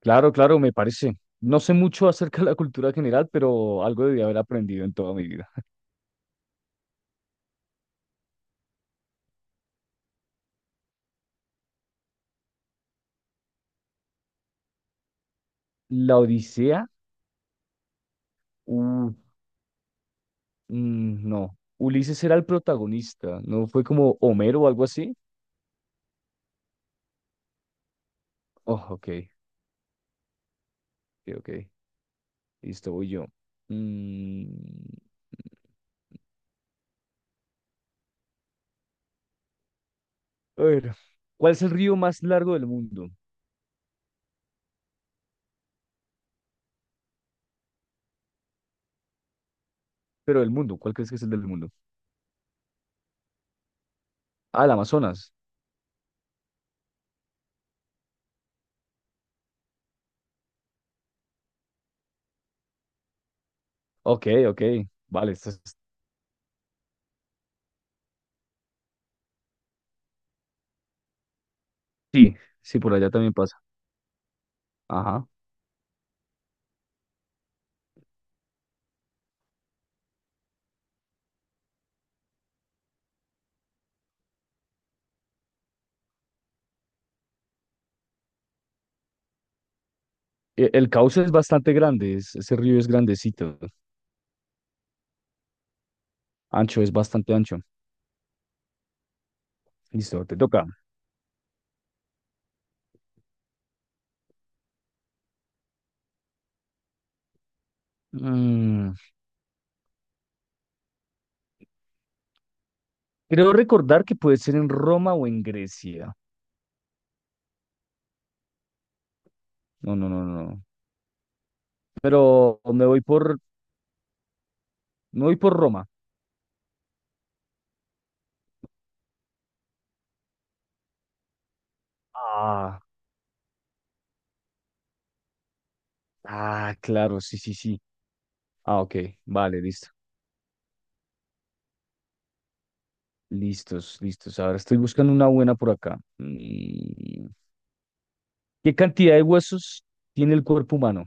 Claro, claro, me parece. No sé mucho acerca de la cultura general, pero algo debí haber aprendido en toda mi vida. La Odisea, uh, mm, no. Ulises era el protagonista, ¿no? Fue como Homero o algo así. Oh, ok, ok, ok. Listo, voy yo. Mm, a ver, ¿cuál es el río más largo del mundo? Pero del mundo, ¿cuál crees que es el del mundo? Ah, el Amazonas. Ok, ok. Vale, esta sí, sí, por allá también pasa. Ajá. El cauce es bastante grande, ese río es grandecito. Ancho, es bastante ancho. Listo, te toca. Mm, creo recordar que puede ser en Roma o en Grecia. No, no, no, no, no. Pero me voy por Roma. Ah, ah, claro, sí, sí, sí. Ah, ok, vale, listo. Listos, listos. Ahora estoy buscando una buena por acá. ¿Qué cantidad de huesos tiene el cuerpo humano?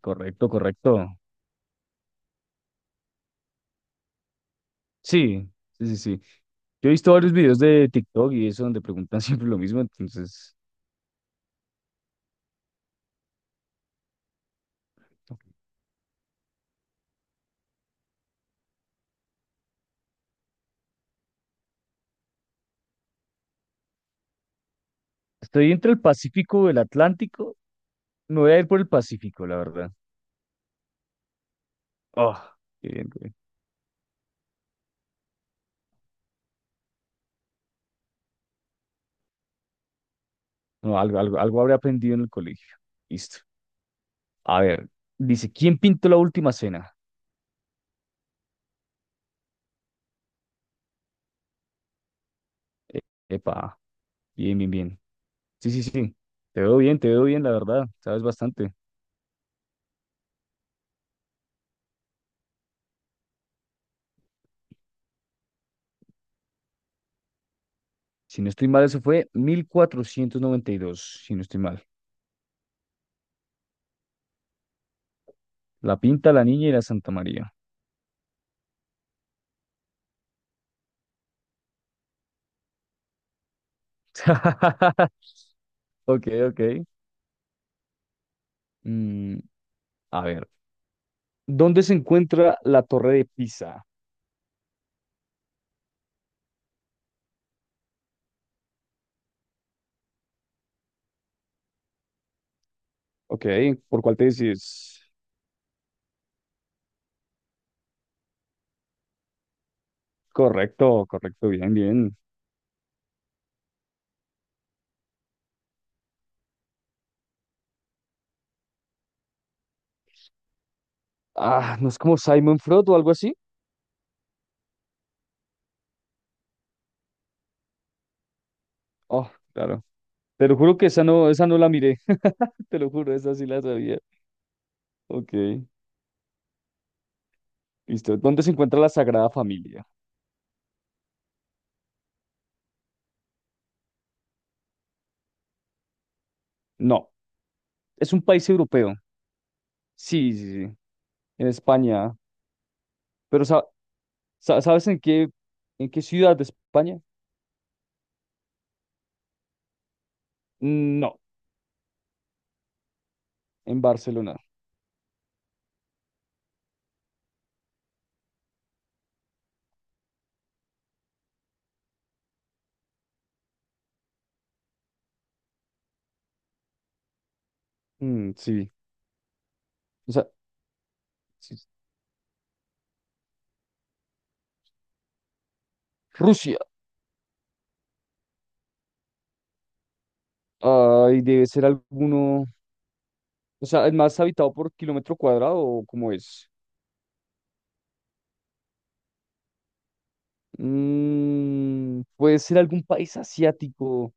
Correcto, correcto. Sí, sí, sí, sí. Yo he visto varios videos de TikTok y eso donde preguntan siempre lo mismo, entonces. Estoy entre el Pacífico o el Atlántico. Me voy a ir por el Pacífico, la verdad. Oh, qué bien, qué bien. No, algo, algo, algo habré aprendido en el colegio. Listo. A ver, dice, ¿quién pintó la última cena? E- Epa, bien, bien, bien. Sí, sí, sí. Te veo bien, la verdad. Sabes bastante. Si no estoy mal, eso fue 1492, si no estoy mal. La pinta la niña y la Santa María. Ok, ok. Mm, a ver, ¿dónde se encuentra la Torre de Pisa? Ok, ¿por cuál te decís? Correcto, correcto, bien, bien. Ah, ¿no es como Simon Freud o algo así? Oh, claro. Te lo juro que esa no la miré. Te lo juro, esa sí la sabía. Ok, listo. ¿Dónde se encuentra la Sagrada Familia? No, es un país europeo. Sí, sí, sí. En España. Pero ¿sabes en qué ciudad de España? Mm, no, en Barcelona. Mm, sí. O sea, sí, Rusia. Ay, debe ser alguno. O sea, ¿el más habitado por kilómetro cuadrado o cómo es? Puede ser algún país asiático.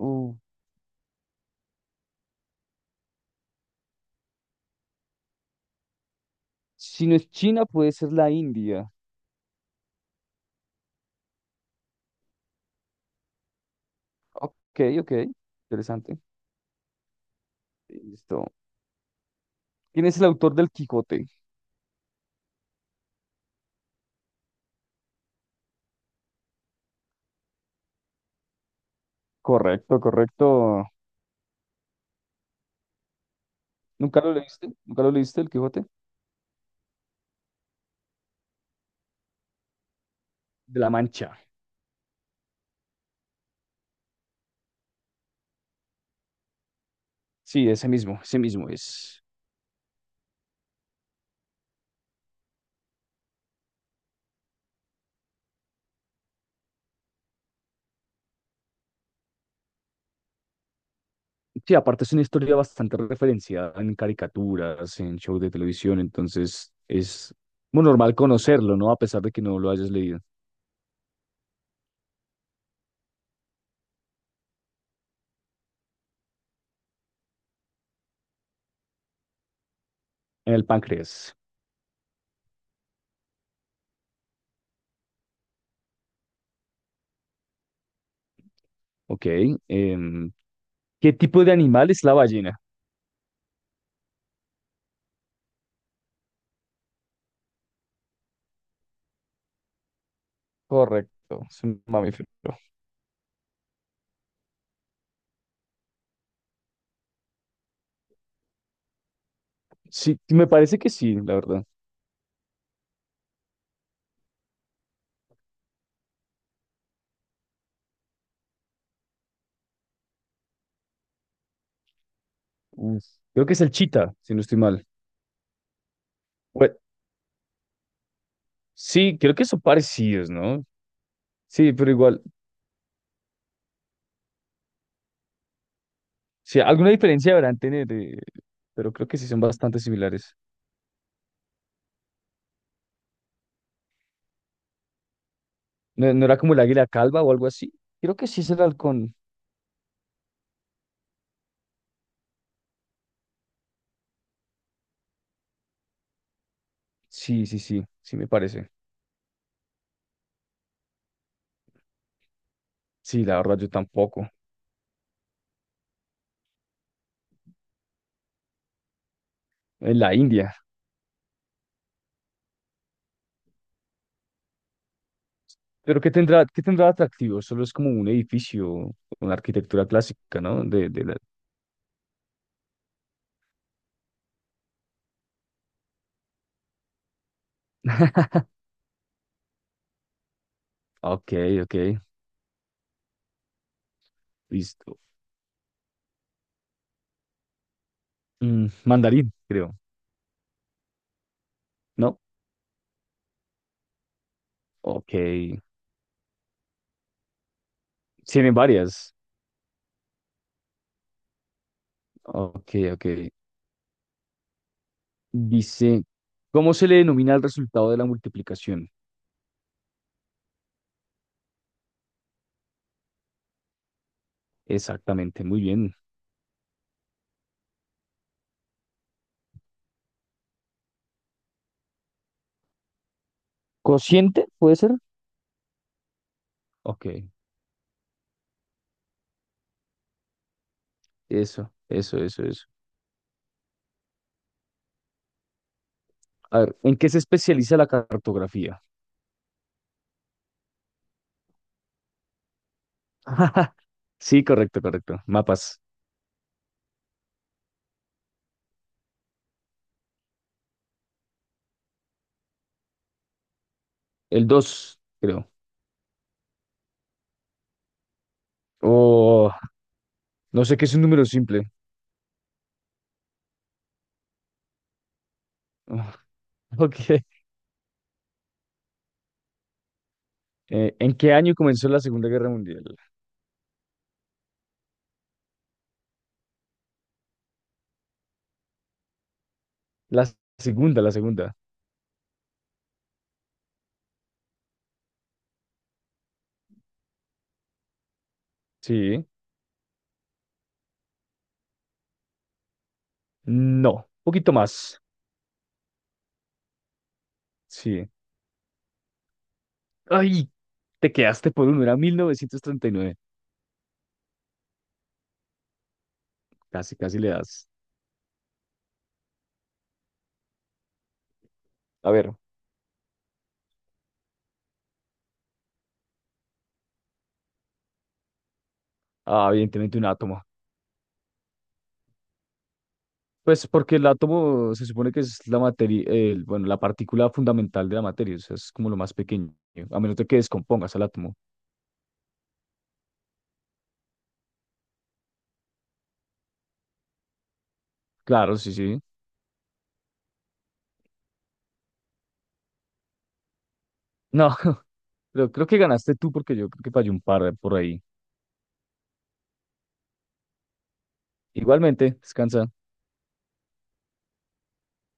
Uh, si no es China, puede ser la India. Ok, ok. Interesante. Listo. ¿Quién es el autor del Quijote? Correcto, correcto. ¿Nunca lo leíste? ¿Nunca lo leíste, el Quijote? De la Mancha. Sí, ese mismo es. Sí, aparte es una historia bastante referenciada en caricaturas, en shows de televisión, entonces es muy normal conocerlo, ¿no? A pesar de que no lo hayas leído. En el páncreas, ok. em, ¿qué tipo de animal es la ballena? Correcto, es un mamífero. Sí, me parece que sí, la verdad. Uf, creo que es el chita, si no estoy mal. Bueno, sí, creo que son parecidos, ¿no? Sí, pero igual, sí, alguna diferencia deberán tener, pero creo que sí son bastante similares. ¿No, no era como el águila calva o algo así? Creo que sí es el halcón. Sí, sí, sí, sí me parece. Sí, la verdad yo tampoco. En la India. Pero qué tendrá de atractivo? Solo es como un edificio con arquitectura clásica, ¿no? De la... Ok, ok, listo. Mandarín, creo, ¿no? Ok. Tienen varias. Ok, ok. Dice, ¿cómo se le denomina el resultado de la multiplicación? Exactamente, muy bien. ¿Cociente puede ser? Ok, eso, eso, eso, eso. A ver, ¿en qué se especializa la cartografía? Sí, correcto, correcto. Mapas. El 2, creo. O no sé qué es un número simple. Ah, ok. ¿En qué año comenzó la Segunda Guerra Mundial? La segunda, la segunda. Sí. No. Un poquito más. Sí. Ay, te quedaste por uno. Era 1939. Casi, casi le das. A ver. Ah, evidentemente un átomo. Pues porque el átomo se supone que es la materia, bueno, la partícula fundamental de la materia, o sea, es como lo más pequeño, a menos de que descompongas el átomo. Claro, sí, sí. No, pero creo que ganaste tú porque yo creo que fallé un par por ahí. Igualmente, descansa.